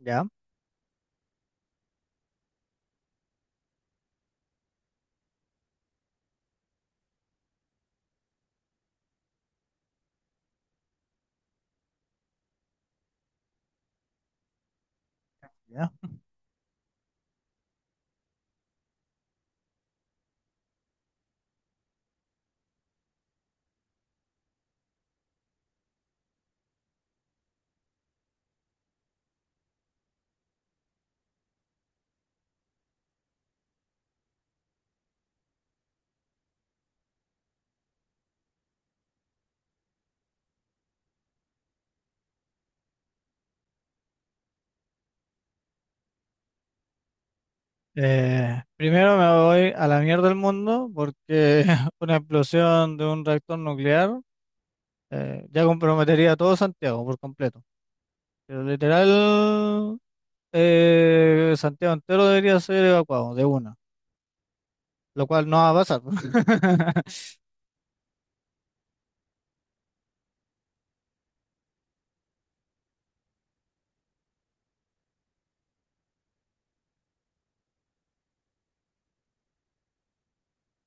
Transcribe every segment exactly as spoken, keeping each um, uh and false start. Ya, ya. Eh, primero me voy a la mierda del mundo porque una explosión de un reactor nuclear eh, ya comprometería a todo Santiago por completo. Pero literal, eh, Santiago entero debería ser evacuado de una, lo cual no va a pasar.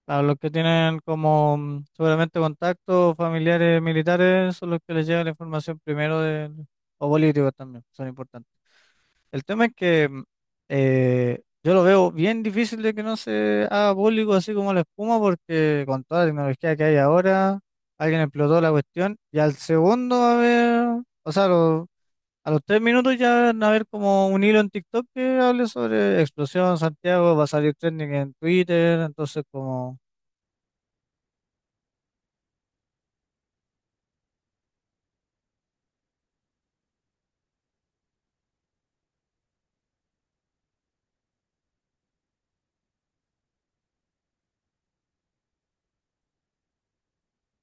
Claro, los que tienen como mm, seguramente contactos familiares militares son los que les llega la información primero de, o políticos también, son importantes. El tema es que mm, eh, yo lo veo bien difícil de que no se haga público así como la espuma, porque con toda la tecnología que hay ahora, alguien explotó la cuestión y al segundo va a haber, o sea, lo- a los tres minutos ya van a haber como un hilo en TikTok que hable sobre explosión Santiago, va a salir trending en Twitter, entonces como...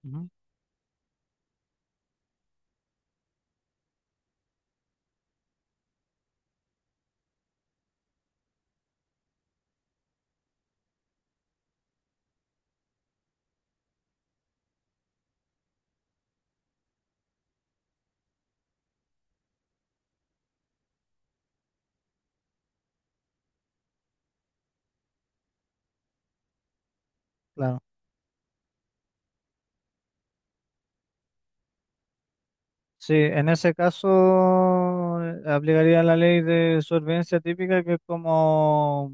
Ujú. Claro. Sí, en ese caso eh, aplicaría la ley de supervivencia típica, que es como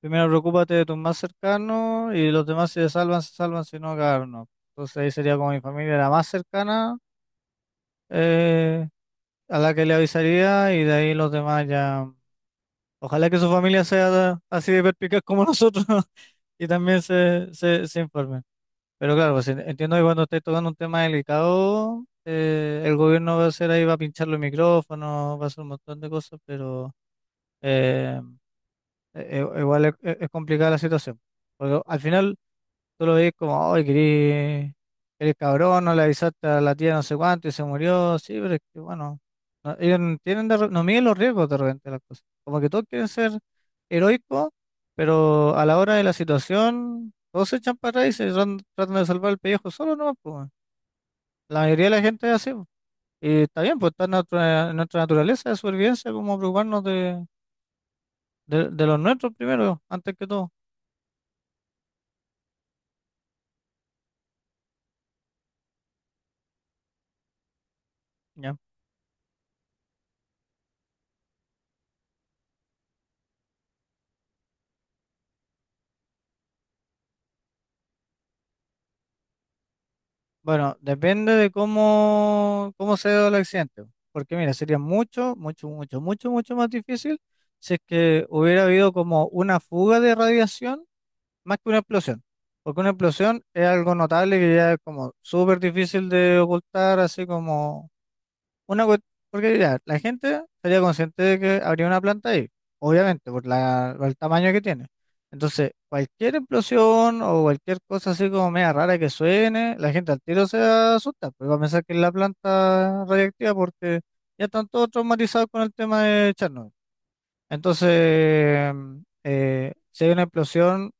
primero preocúpate de tus más cercanos y los demás si se salvan, se salvan, si no, cagaron, no. Entonces ahí sería como mi familia la más cercana eh, a la que le avisaría y de ahí los demás ya. Ojalá que su familia sea así de perspicaz como nosotros y también se, se, se informen. Pero claro, pues en- entiendo que cuando estáis tocando un tema delicado, eh, el gobierno va a hacer ahí, va a pinchar los micrófonos, va a hacer un montón de cosas, pero eh, e- e- igual es, es- es complicada la situación. Porque al final, tú lo ves como, ay, querés, eres cabrón, no le avisaste a la tía no sé cuánto y se murió. Sí, pero es que bueno, no, ellos no tienen de re- no miden los riesgos de repente las cosas. Como que todos quieren ser heroicos, pero a la hora de la situación, todos se echan para atrás y se tran- tratan de salvar el pellejo solo, ¿no? Pues, weón, la mayoría de la gente es así, po. Y está bien, pues está en nuestra, en nuestra naturaleza de supervivencia, como preocuparnos de, de, de los nuestros primero, antes que todo. Bueno, depende de cómo, cómo se dio el accidente. Porque mira, sería mucho, mucho, mucho, mucho, mucho más difícil si es que hubiera habido como una fuga de radiación más que una explosión. Porque una explosión es algo notable que ya es como súper difícil de ocultar, así como una cue- porque mira, la gente sería consciente de que habría una planta ahí, obviamente, por la, por el tamaño que tiene. Entonces, cualquier explosión o cualquier cosa así como media rara que suene, la gente al tiro se asusta, porque va a pensar que es la planta radiactiva porque ya están todos traumatizados con el tema de Chernobyl. Entonces, eh, si hay una explosión,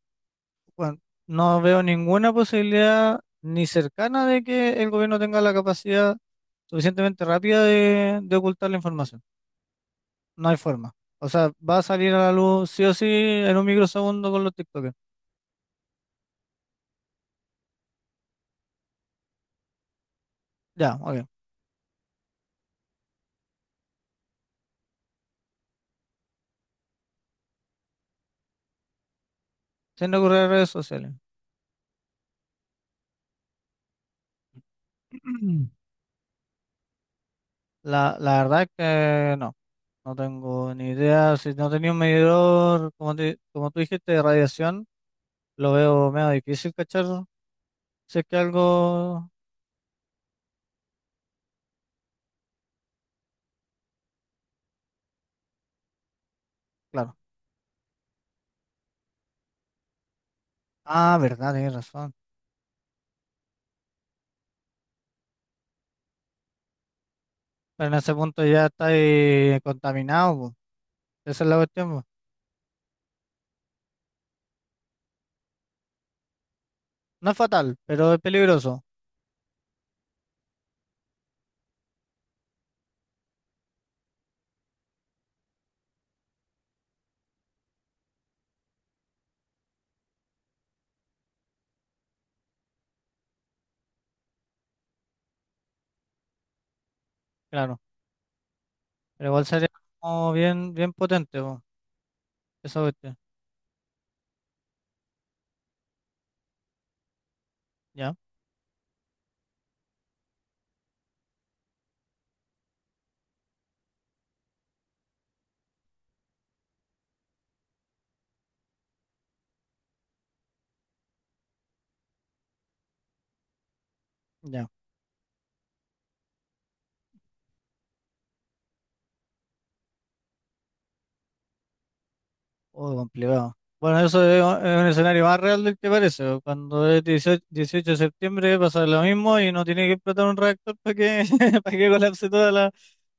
bueno, no veo ninguna posibilidad ni cercana de que el gobierno tenga la capacidad suficientemente rápida de, de ocultar la información. No hay forma. O sea, va a salir a la luz sí o sí en un microsegundo con los TikTokers. Ya, ok. Sin ocurrir a redes sociales. La, la verdad es que no, no tengo ni idea. Si no tenía un medidor, como, te- como tú dijiste, de radiación, lo veo medio difícil cachar. Si es que algo, claro. Ah, verdad, tienes razón. Pero en ese punto ya está ahí contaminado, po. Esa es la cuestión, po. No es fatal, pero es peligroso. Claro. Pero igual sería como bien, bien potente, po, esa cuestión. Ya, ya. Oh, complicado. Bueno, eso es un es un escenario más real del que parece, po. Cuando es dieciocho dieciocho de septiembre pasa lo mismo y no tiene que explotar un reactor para que, para que colapse toda la,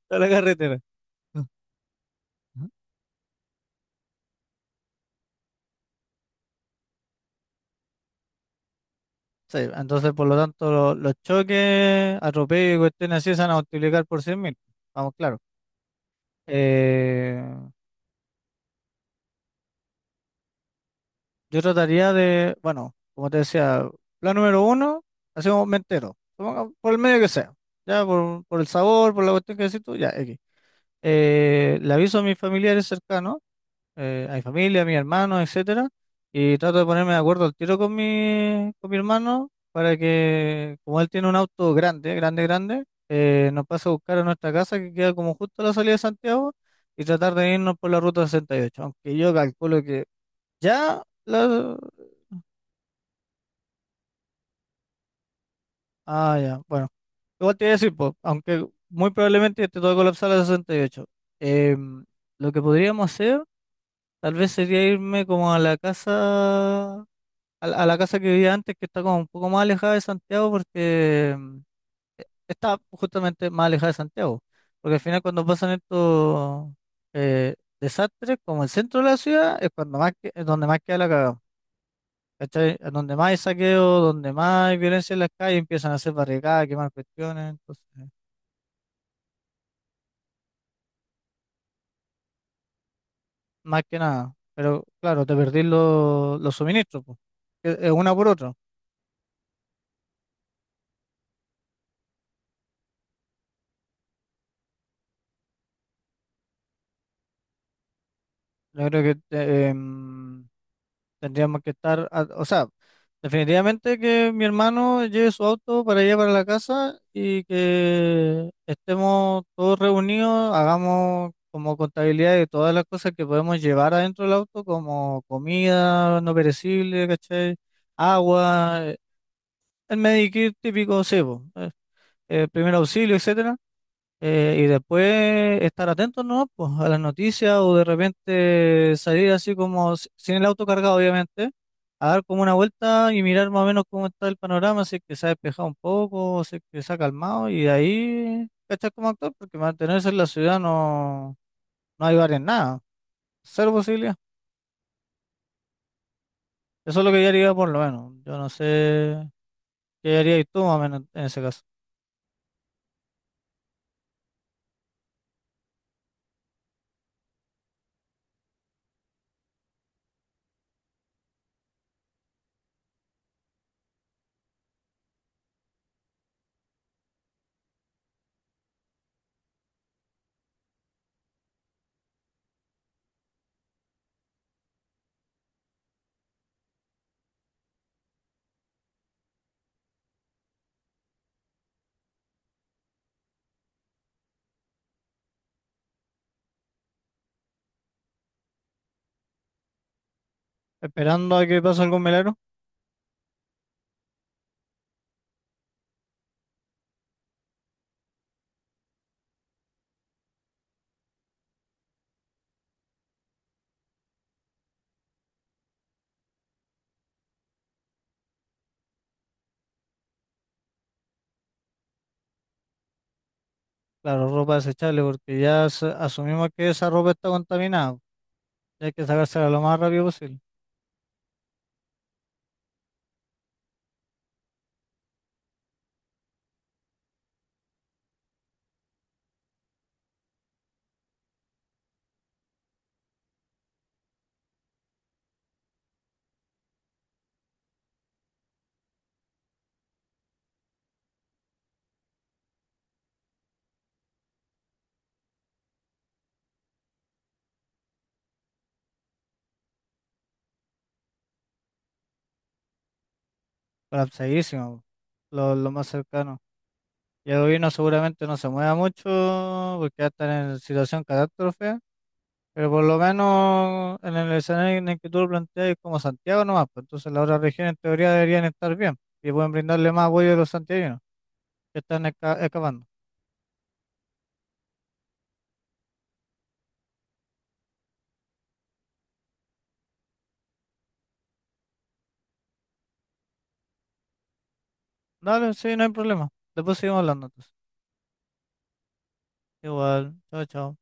toda la carretera. Ujú. Sí, entonces por lo tanto lo- los choques, atropellos y cuestiones así se van a multiplicar por cien mil. Vamos, claro. Eh, yo trataría de, bueno, como te decía, plan número uno, hacemos me entero, suponga- por el medio que sea, ya por, por el sabor, por la cuestión que decís tú, ya, X. Eh, le aviso a mis familiares cercanos, eh, a mi familia, a mis hermanos, etcétera, y trato de ponerme de acuerdo al tiro con mi, con mi hermano para que, como él tiene un auto grande, grande, grande, eh, nos pase a buscar a nuestra casa que queda como justo a la salida de Santiago y tratar de irnos por la ruta sesenta y ocho, aunque yo calculo que ya. Ah, ya. Bueno, igual te voy a decir, po, aunque muy probablemente esté todo colapsado a las sesenta y ocho. em, lo que podríamos hacer, tal vez sería irme como a la casa, a, la a la casa que vivía antes, que está como un poco más alejada de Santiago, porque em, e- está justamente más alejada de Santiago. Porque al final cuando pasan estos eh, desastres, como el centro de la ciudad, es cuando más que- es donde más queda la cagada. ¿Cachai? A donde más hay saqueo, donde más hay violencia en las calles, empiezan a hacer barricadas, quemar cuestiones, entonces, más que nada. Pero claro, te perdís los los suministros, pues. Es es una por otra. Yo creo que eh, em, tendríamos que estar, a- o sea, definitivamente que mi hermano lleve su auto para allá para la casa y que estemos todos reunidos, hagamos como contabilidad de todas las cosas que podemos llevar adentro del auto, como comida no perecible, ¿cachai? Agua, eh, el medikit típico, sebo, eh, eh, primer auxilio, etcétera. Eh, y después estar atentos, ¿no? Pues a las noticias o de repente salir así como s- sin el auto cargado, obviamente, a dar como una vuelta y mirar más o menos cómo está el panorama, si es que se ha despejado un poco, si es que se ha calmado y de ahí cachar como actor, porque mantenerse en la ciudad no, no hay varias nada, cero posibilidad. Eso es lo que yo haría por lo menos. Yo no sé qué harías tú más o menos en ese caso. Esperando a que pase algún milagro. Claro, ropa desechable, porque ya as- asumimos que esa ropa está contaminada. Hay que sacársela lo más rápido posible, para segurísimo, lo, lo más cercano. Y el gobierno seguramente no se mueva mucho porque ya están en situación catástrofe, pero por lo menos en el escenario en el que tú lo planteas es como Santiago nomás, pues entonces las otras regiones en teoría deberían estar bien y pueden brindarle más apoyo a los santiaguinos que están esca- escapando. Dale, sí, no hay problema. Después seguimos hablando entonces. Igual, chao, chao.